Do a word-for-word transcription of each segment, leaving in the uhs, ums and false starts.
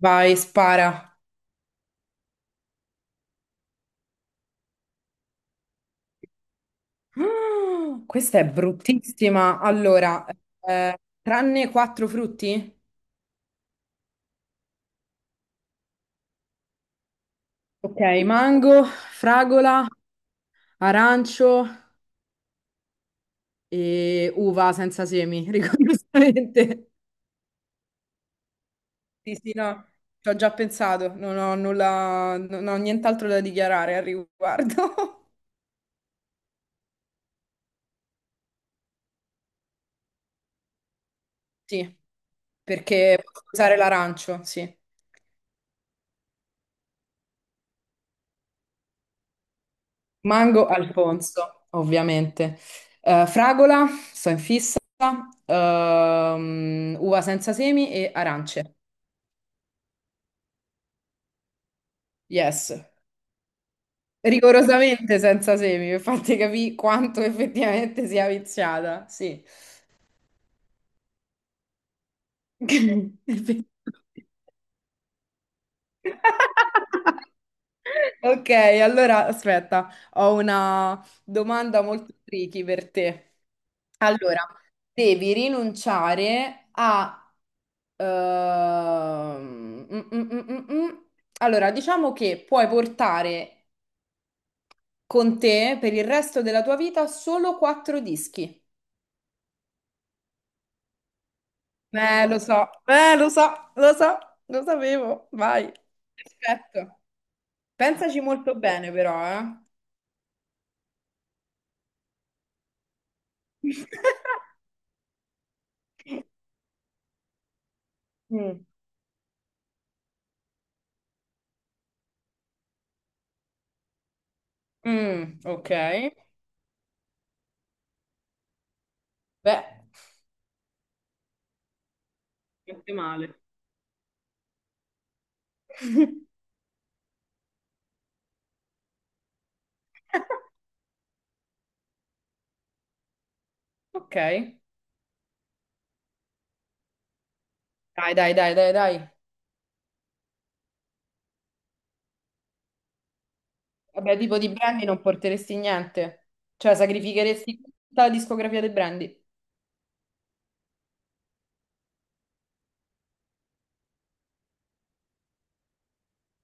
Vai, spara. Ah, questa è bruttissima. Allora, eh, tranne quattro frutti? Ok, mango, fragola, arancio e uva senza semi, rigorosamente. Sì, sì, no, ci ho già pensato, non ho nulla, non ho nient'altro da dichiarare al riguardo. Sì, perché posso usare l'arancio, sì. Mango, Alfonso, ovviamente. Eh, fragola, sto in fissa. Ehm, uva senza semi e arance. Yes. Rigorosamente senza semi, per farti capire quanto effettivamente sia viziata. Sì. Ok, allora aspetta, ho una domanda molto tricky per te. Allora, devi rinunciare a… ehm, mm, mm, mm, mm, mm. Allora, diciamo che puoi portare con te per il resto della tua vita solo quattro dischi. Eh, lo so, eh, lo so, lo so, lo sapevo, vai. Perfetto. Pensaci molto bene, però, eh. Mm. Mm, ok. Beh, niente male. Ok. Dai, dai, dai, dai, dai. Vabbè, tipo di Brandy non porteresti niente. Cioè, sacrificheresti tutta la discografia dei Brandy.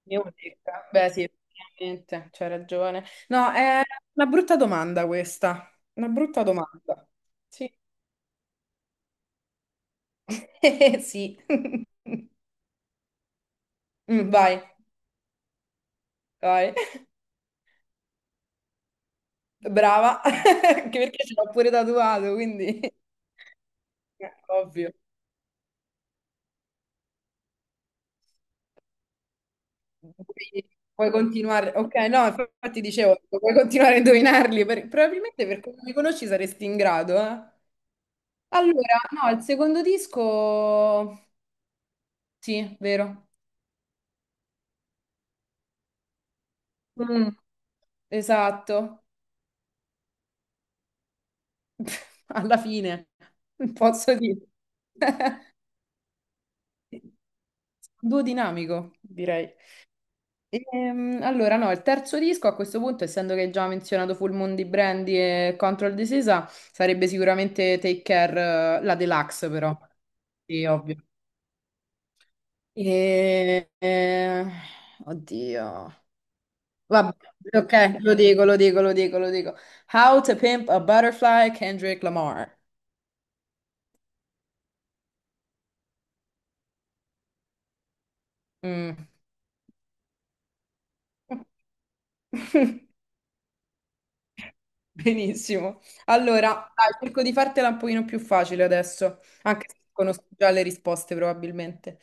Unica. Beh, sì, effettivamente, c'hai ragione. No, è una brutta domanda questa. Una brutta domanda. Sì. Sì. Mm, vai, vai. Brava. Anche perché ce l'ho pure tatuato, quindi eh, ovvio. Puoi, puoi continuare. Ok, no, infatti dicevo, puoi continuare a indovinarli. per- Probabilmente per come mi conosci saresti in grado, eh. Allora, no, il secondo disco… Sì, vero. Mm, esatto. Alla fine, posso dire. Duo dinamico, direi. Ehm, allora, no, il terzo disco a questo punto, essendo che hai già menzionato Full Moon di Brandy e Control the Sisa, sarebbe sicuramente Take Care, eh, la deluxe però. Sì, ovvio. E... eh, Oddio. Vabbè, ok, lo dico, lo dico, lo dico, lo dico. How to Pimp a Butterfly, Kendrick Lamar. Mm. Benissimo. Allora, dai, cerco di fartela un pochino più facile adesso, anche se conosco già le risposte probabilmente.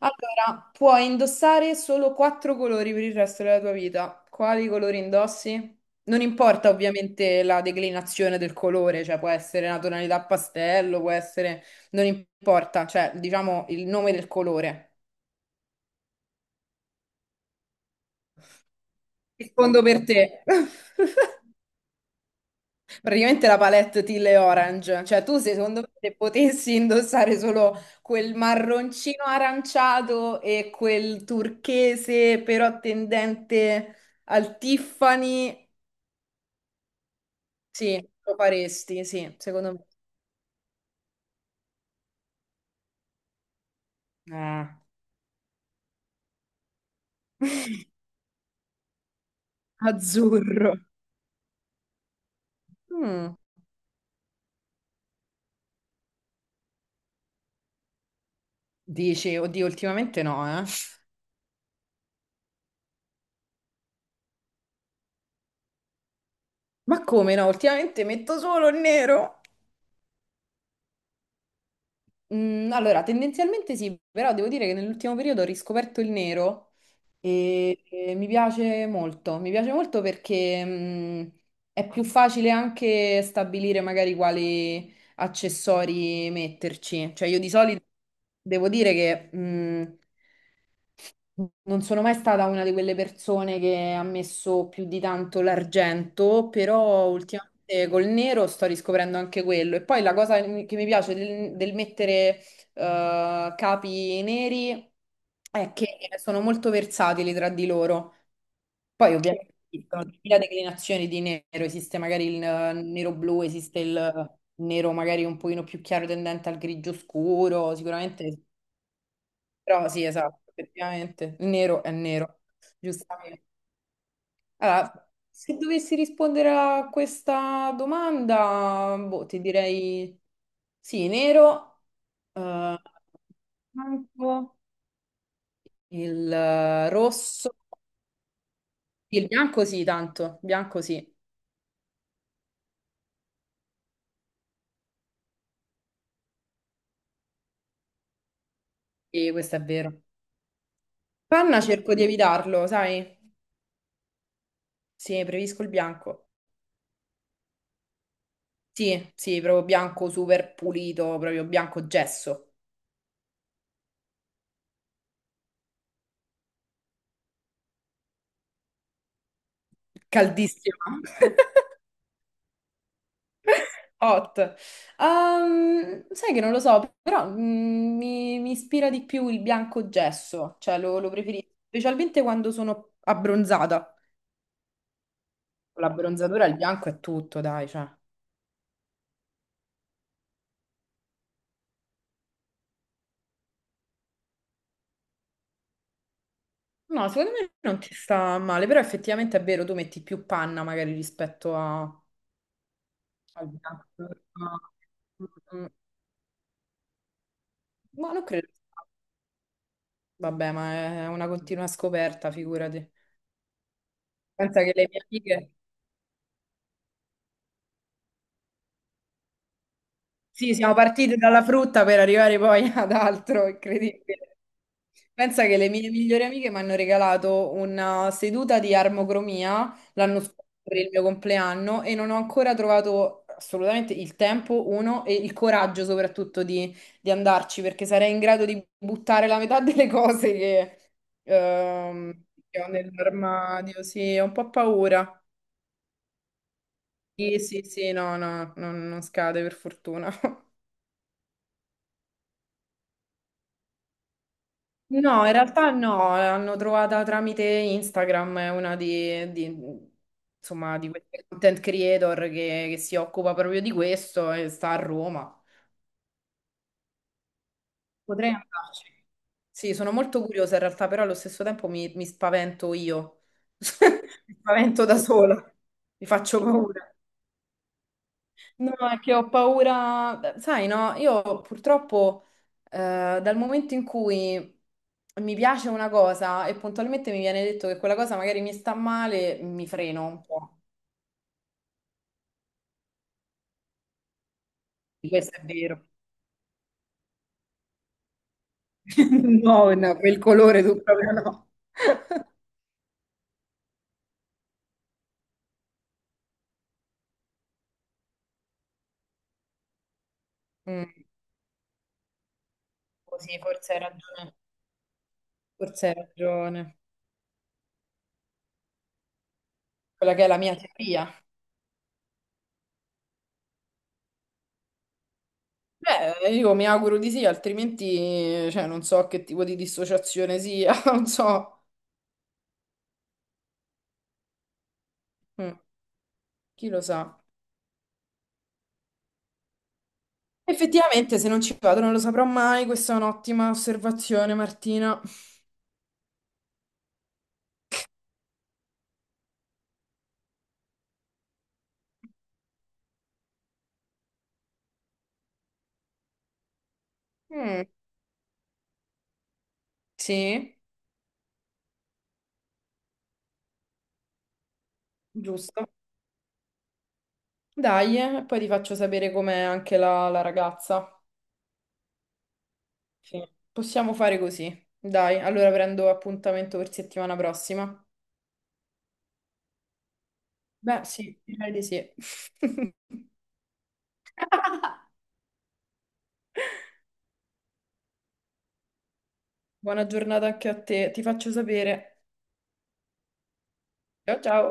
Allora, puoi indossare solo quattro colori per il resto della tua vita. Quali colori indossi? Non importa ovviamente la declinazione del colore, cioè può essere una tonalità pastello, può essere… Non importa, cioè diciamo il nome del colore. Rispondo per te. Praticamente la palette Teal e Orange, cioè tu se, secondo me se potessi indossare solo quel marroncino aranciato e quel turchese però tendente al Tiffany, sì, lo faresti, sì, secondo me. Ah. Azzurro. Mm. Dici, oddio, ultimamente no, eh. Ma come no? Ultimamente metto solo il nero. Mm, allora, tendenzialmente sì, però devo dire che nell'ultimo periodo ho riscoperto il nero. E, e mi piace molto, mi piace molto perché mh, è più facile anche stabilire magari quali accessori metterci. Cioè io di solito devo dire che mh, non sono mai stata una di quelle persone che ha messo più di tanto l'argento, però ultimamente col nero sto riscoprendo anche quello. E poi la cosa che mi piace del, del mettere eh, capi neri è che sono molto versatili tra di loro. Poi ovviamente esistono mille declinazioni di nero, esiste magari il eh, nero blu, esiste il nero magari un pochino più chiaro tendente al grigio scuro, sicuramente però sì, esatto, effettivamente, il nero è nero, giustamente. Allora, se dovessi rispondere a questa domanda, boh, ti direi sì, nero, eh, bianco, il eh, rosso, il bianco sì, tanto, bianco sì, e questo è vero. Panna cerco di evitarlo, sai? Sì, preferisco il bianco. Sì, sì, proprio bianco super pulito, proprio bianco gesso, caldissimo. Hot. Ehm, sai che non lo so, però mm, mi, mi ispira di più il bianco gesso, cioè lo, lo preferisco, specialmente quando sono abbronzata. Con l'abbronzatura, il bianco è tutto, dai, cioè. No, secondo me non ti sta male, però effettivamente è vero, tu metti più panna magari rispetto a- al bianco. Ma mm, ma non credo. Vabbè, ma è una continua scoperta, figurati. Pensa che le mie amiche… Sì, siamo partiti dalla frutta per arrivare poi ad altro, incredibile. Pensa che le mie migliori amiche mi hanno regalato una seduta di armocromia l'anno scorso per il mio compleanno e non ho ancora trovato assolutamente il tempo, uno, e il coraggio soprattutto di, di andarci perché sarei in grado di buttare la metà delle cose che, ehm, che ho nell'armadio. Sì, ho un po' paura. Sì, sì, sì, no, no, non non scade per fortuna. No, in realtà no, l'hanno trovata tramite Instagram, è una di, di- insomma, di queste content creator che, che si occupa proprio di questo e sta a Roma. Potrei andarci. Sì, sono molto curiosa in realtà, però allo stesso tempo mi, mi spavento io. Mi spavento da sola, mi faccio paura. No, è che ho paura, sai, no, io purtroppo eh, dal momento in cui mi piace una cosa e puntualmente mi viene detto che quella cosa magari mi sta male, mi freno un po'. Questo è vero. No, no, quel colore tu proprio no. Mm, così, forse hai ragione. Forse hai ragione. Quella che è la mia teoria. Beh, io mi auguro di sì, altrimenti, cioè, non so che tipo di dissociazione sia, non so. Mm, chi lo sa. Effettivamente, se non ci vado non lo saprò mai, questa è un'ottima osservazione, Martina. Mm, sì, giusto. Dai, eh, e poi ti faccio sapere com'è anche la, la ragazza. Sì. Possiamo fare così. Dai, allora prendo appuntamento per settimana prossima. Beh, sì, direi di sì. Buona giornata anche a te, ti faccio sapere. Ciao ciao.